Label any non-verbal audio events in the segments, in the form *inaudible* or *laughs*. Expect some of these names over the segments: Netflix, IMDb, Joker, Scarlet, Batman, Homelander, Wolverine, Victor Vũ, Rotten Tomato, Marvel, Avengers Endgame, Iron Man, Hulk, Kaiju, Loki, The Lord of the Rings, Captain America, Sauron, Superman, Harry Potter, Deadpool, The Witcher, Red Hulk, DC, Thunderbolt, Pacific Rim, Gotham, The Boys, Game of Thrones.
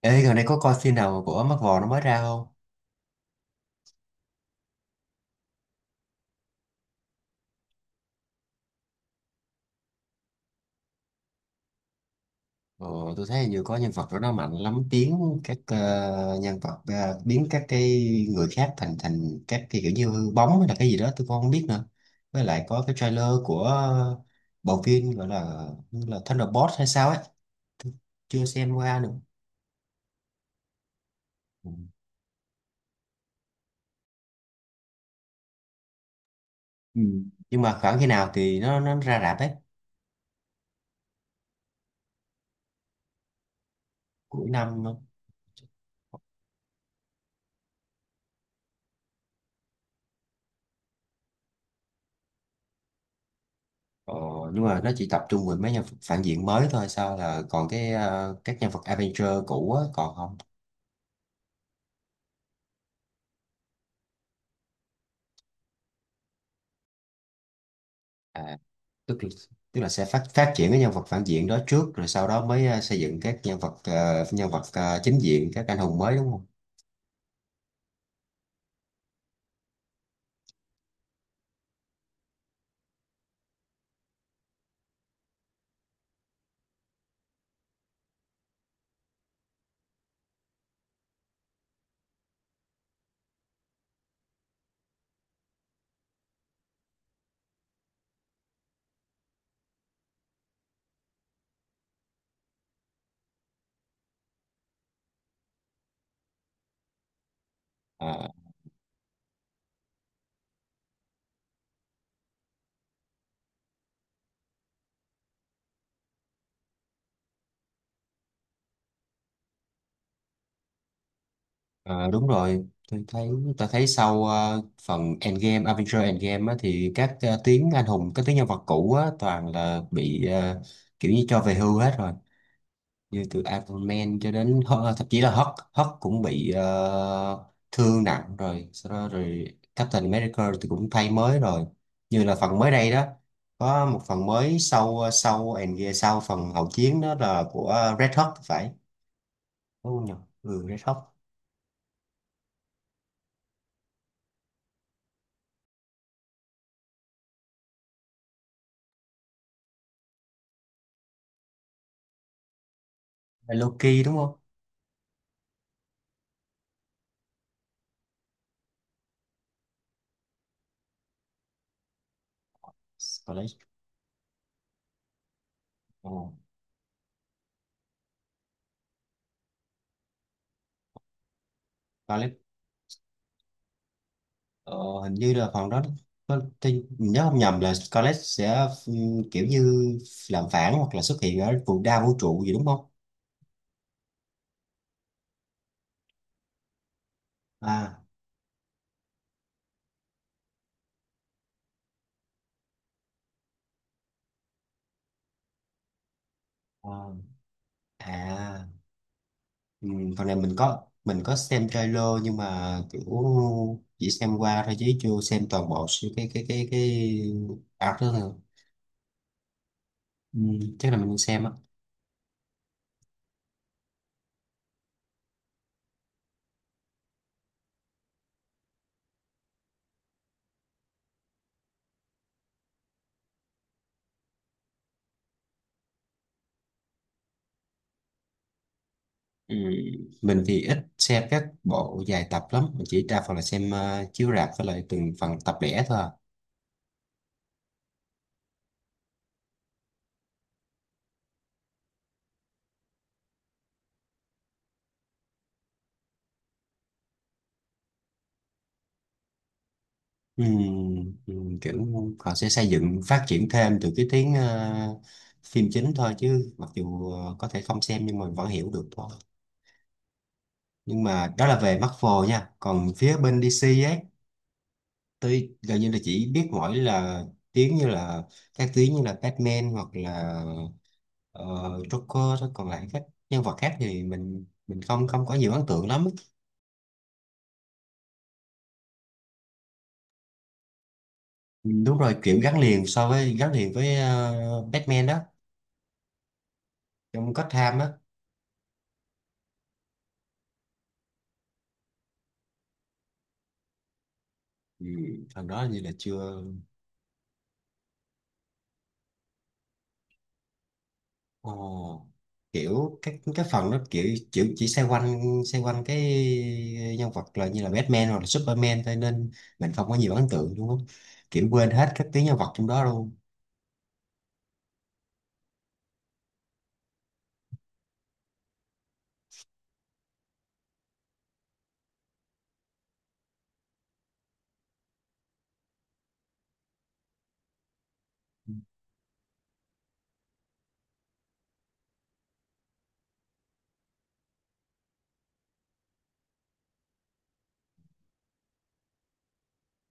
Ê, gần đây có coi phim nào của mắt Vò nó mới ra không? Ờ, tôi thấy như có nhân vật đó nó mạnh lắm biến các nhân vật biến các cái người khác thành thành các cái kiểu như hư bóng hay là cái gì đó tôi cũng không biết nữa. Với lại có cái trailer của bộ phim gọi là như là Thunderbolt hay sao ấy, chưa xem qua nữa. Ừ. Ừ. Nhưng mà khoảng khi nào thì nó ra rạp ấy, cuối năm. Ờ, nhưng mà nó chỉ tập trung về mấy nhân vật phản diện mới thôi sao là còn cái các nhân vật Avenger cũ á, còn không? À, tức là, tức là sẽ phát phát triển cái nhân vật phản diện đó trước rồi sau đó mới xây dựng các nhân vật nhân vật chính diện các anh hùng mới đúng không? À, đúng rồi. Tôi thấy tôi thấy sau phần Endgame Avengers Endgame á, thì các tuyến anh hùng các tuyến nhân vật cũ á, toàn là bị kiểu như cho về hưu hết rồi, như từ Iron Man cho đến thậm chí là Hulk Hulk cũng bị thương nặng rồi sau đó rồi Captain America thì cũng thay mới rồi, như là phần mới đây đó có một phần mới sau sau and yeah, sau phần hậu chiến đó là của Red Hulk thì phải, đúng không nhỉ? Ừ, Red Hulk. Là Loki đúng không? Scarlet. Oh. Scarlet, ờ, hình như là phần đó tôi nhớ không nhầm là Scarlet sẽ kiểu như làm phản hoặc là xuất hiện ở đa vũ trụ gì đúng không. À. Ờ. À, ừ, phần này mình có xem trailer nhưng mà kiểu chỉ xem qua thôi chứ chưa xem toàn bộ sự- cái art đó thôi. ừ, chắc là mình không xem á. ừ, mình thì ít xem các bộ dài tập lắm, mình chỉ đa phần là xem chiếu rạp với lại từng phần tập lẻ thôi à. ừ, ừ, kiểu họ sẽ xây dựng phát triển thêm từ cái tiếng phim chính thôi chứ mặc dù có thể không xem nhưng mà vẫn hiểu được thôi. Nhưng mà đó là về Marvel nha, còn phía bên DC ấy, tôi gần như là chỉ biết mỗi là tiếng như là các tiếng như là Batman hoặc là ờ, Joker thôi, còn lại các nhân vật khác thì mình không không có nhiều ấn tượng lắm. Ừ, đúng rồi, kiểu gắn liền so với gắn liền với Batman đó, trong Gotham á. ừ, thằng đó như là chưa. Ồ, kiểu cái phần nó kiểu kiểu chỉ xoay quanh cái nhân vật là như là Batman hoặc là Superman thôi nên mình không có nhiều ấn tượng, đúng không, kiểu quên hết các tuyến nhân vật trong đó luôn.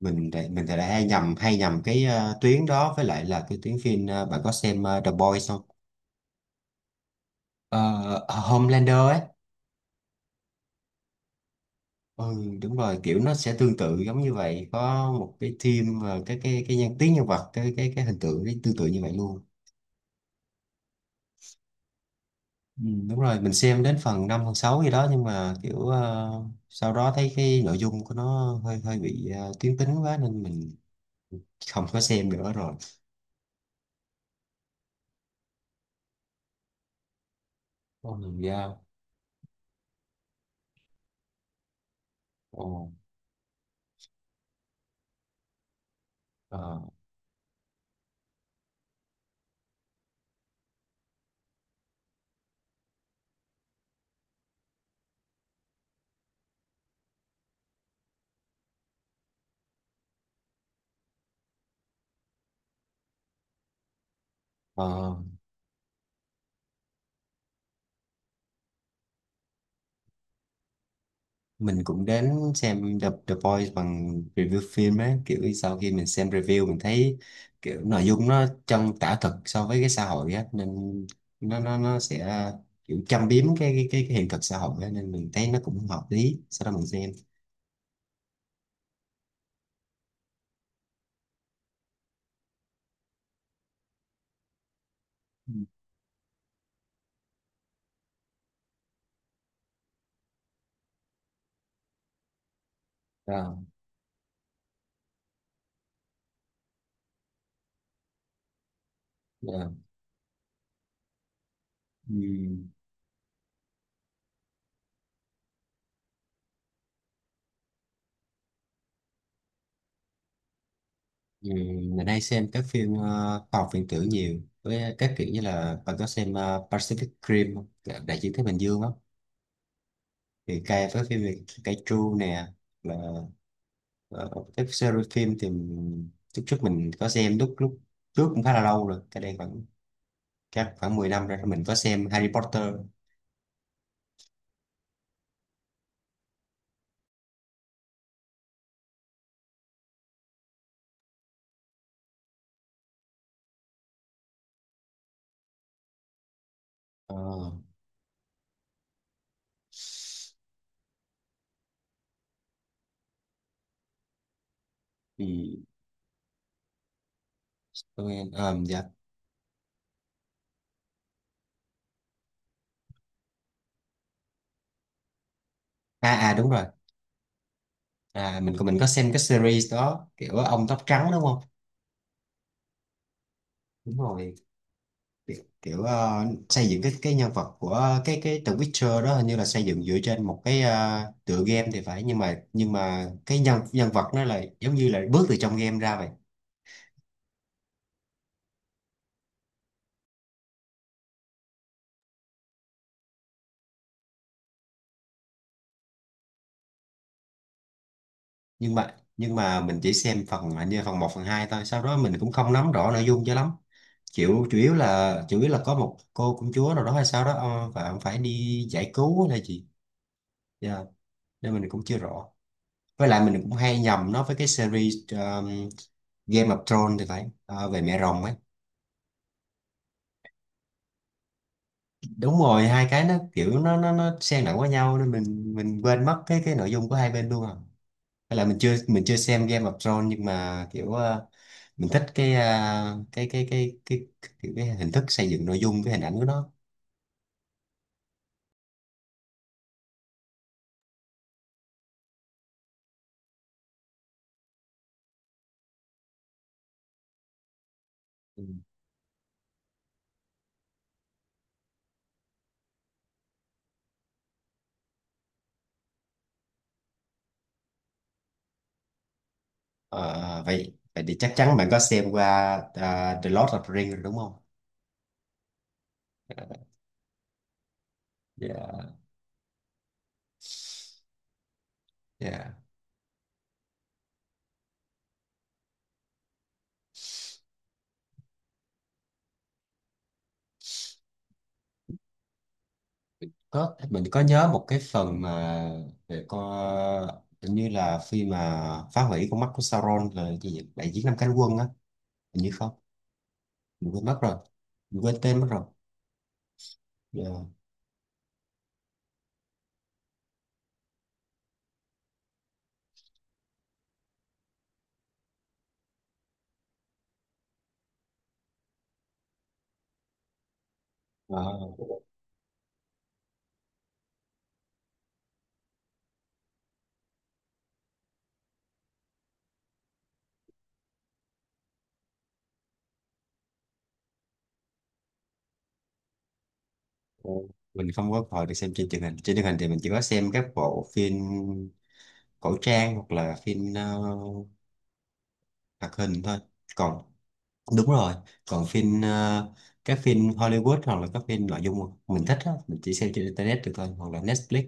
Mình thì lại hay nhầm cái tuyến đó với lại là cái tuyến phim bạn có xem The Boys không? Ờ, Homelander ấy. Ừ, đúng rồi, kiểu nó sẽ tương tự giống như vậy, có một cái team và cái tuyến nhân vật cái hình tượng tương tự như vậy luôn. Ừ, đúng rồi, mình xem đến phần 5 phần 6 gì đó nhưng mà kiểu sau đó thấy cái nội dung của nó hơi hơi bị tuyến tính quá nên mình không có xem nữa rồi. Ồ, mình ra. Ồ, ờ, ờ, mình cũng đến xem The Boys bằng review phim á, kiểu sau khi mình xem review mình thấy kiểu nội dung nó chân tả thực so với cái xã hội á nên nó sẽ kiểu châm biếm cái hiện thực xã hội á nên mình thấy nó cũng hợp lý sau đó mình xem. Ừ. Rồi. Ừ. Ừ. Mình hay xem các phim khoa học viễn tưởng nhiều, với các kiểu như là bạn có xem Pacific Rim không? Đại dương Thái Bình Dương á, thì cay với phim về Kaiju nè, là ờ, các series phim thì lúc trước mình có xem lúc lúc trước cũng khá là lâu rồi, cái đây khoảng khoảng 10 năm rồi mình có xem Harry Potter. Ờ, thì tôi dạ. À à đúng rồi, à mình có xem cái series đó kiểu ông tóc trắng đúng không. Đúng rồi, kiểu xây dựng cái nhân vật của cái The Witcher đó, hình như là xây dựng dựa trên một cái tựa game thì phải, nhưng mà cái nhân nhân vật nó là giống như là bước từ trong game ra vậy. Nhưng mà mình chỉ xem phần hình như phần một phần 2 thôi, sau đó mình cũng không nắm rõ nội dung cho lắm, chịu, chủ yếu là có một cô công chúa nào đó hay sao đó và ông phải đi giải cứu hay là gì. Dạ, nên mình cũng chưa rõ, với lại mình cũng hay nhầm nó với cái series Game of Thrones thì phải. Ờ, về mẹ rồng ấy, đúng rồi, hai cái nó kiểu nó xen lẫn với nhau nên mình quên mất cái nội dung của hai bên luôn à. Hay là mình chưa xem Game of Thrones nhưng mà kiểu mình thích cái, ờ, cái hình thức xây dựng nội dung, cái hình ảnh của nó. Ừ. Ờ, vậy vậy thì chắc chắn bạn có xem qua The Lord of the Rings rồi đúng không? Yeah, yeah. Có, mình có nhớ một cái phần mà về con, hình như là khi mà phá hủy con mắt của Sauron, là cái gì vậy? Đại chiến năm cánh quân á, hình như không? Mình quên mất rồi, mình quên tên mất rồi. Dạ. Ờ, ờ, mình không có hồi được xem trên truyền hình, trên truyền hình thì mình chỉ có xem các bộ phim cổ trang hoặc là phim hoạt hình thôi. Còn đúng rồi, còn phim các phim Hollywood hoặc là các phim nội dung mình thích á, mình chỉ xem trên internet được thôi hoặc là Netflix.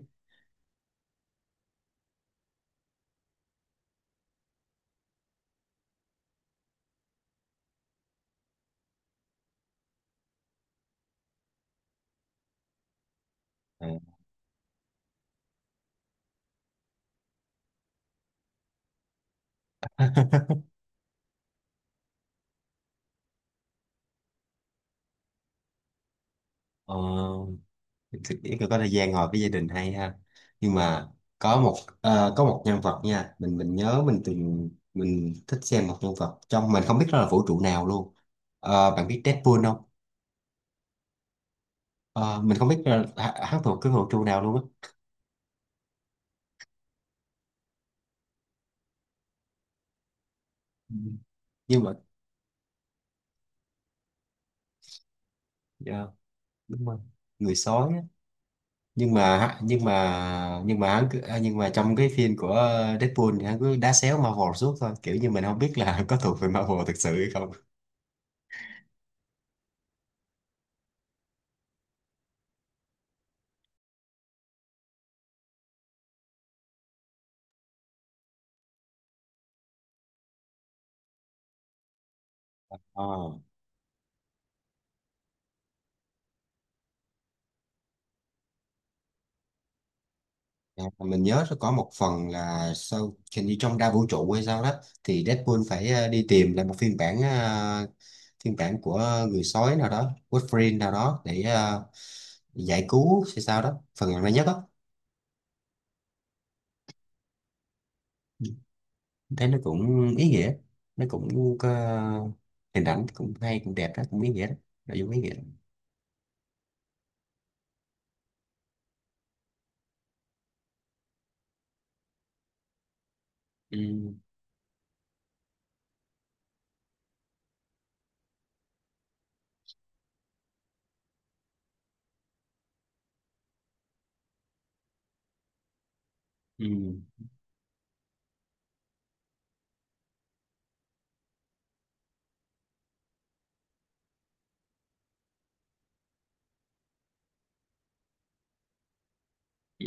Ờ, ờ, thực ý là có thời gian ngồi với gia đình hay ha, nhưng mà có một có một nhân vật nha, mình nhớ mình thích xem một nhân vật trong, mình không biết đó là vũ trụ nào luôn. Ờ, bạn biết Deadpool không? Ờ, mình không biết là hắn thuộc cái vũ trụ nào luôn á. Ừ. Nhưng mà dạ, đúng rồi. Người sói á. Nhưng mà hắn cứ, à, nhưng mà trong cái phim của Deadpool thì hắn cứ đá xéo Marvel suốt thôi, kiểu như mình không biết là *laughs* có thuộc về Marvel thực sự hay không. Ờ. À, mình nhớ có một phần là sau, hình như trong đa vũ trụ hay sao đó, thì Deadpool phải đi tìm lại một phiên bản phiên bản của người sói nào đó, Wolverine nào đó để giải cứu hay sao đó, phần gần đây nhất đó, thấy nó cũng ý nghĩa, nó cũng có hình ảnh cũng hay cũng đẹp đó, cũng ý nghĩa đó, nội dung ý nghĩa đó. Ừ, ừ, ừ.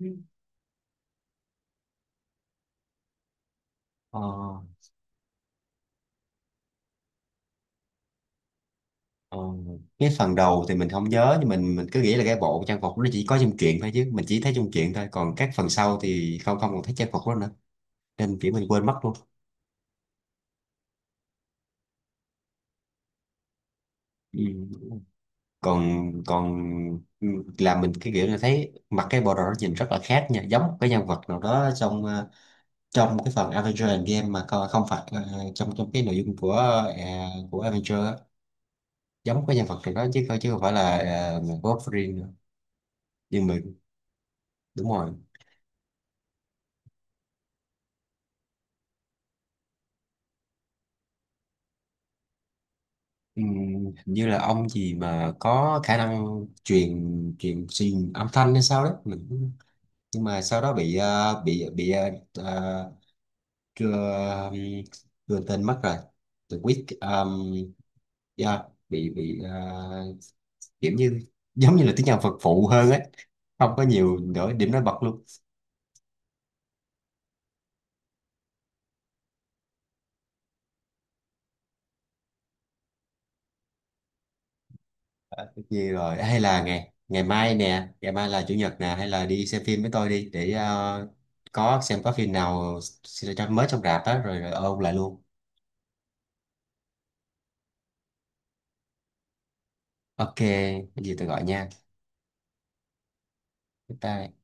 *laughs* Ờ. Ờ, cái phần đầu thì mình không nhớ, nhưng mình cứ nghĩ là cái bộ trang phục nó chỉ có trong truyện thôi, chứ mình chỉ thấy trong truyện thôi, còn các phần sau thì không không còn thấy trang phục đó nữa nên kiểu mình quên mất luôn. Ừ. còn còn ừ, làm mình cái kiểu là thấy mặc cái bộ đồ đó nhìn rất là khác nha, giống một cái nhân vật nào đó trong trong cái phần Avenger Endgame mà không phải trong trong cái nội dung của ờ, của Avenger á, giống cái nhân vật nào đó chứ chứ không phải là Wolverine nữa. Nhưng mà đúng rồi. Ừ, hình như là ông gì mà có khả năng truyền truyền truyền âm thanh hay sao đấy, mình cũng- nhưng mà sau đó bị uh, chưa, đưa tên mất rồi, từ Week yeah, bị kiểu như giống như là tiếng nhạc phật phụ hơn ấy, không có nhiều nổi nổi bật luôn. Ờ, tất nhiên rồi, hay là ngày ngày mai nè, ngày mai là chủ nhật nè, hay là đi xem phim với tôi đi để có xem có phim nào mới trong rạp á rồi, rồi ôn lại luôn. Ok, cái gì tôi gọi nha. Bye bye.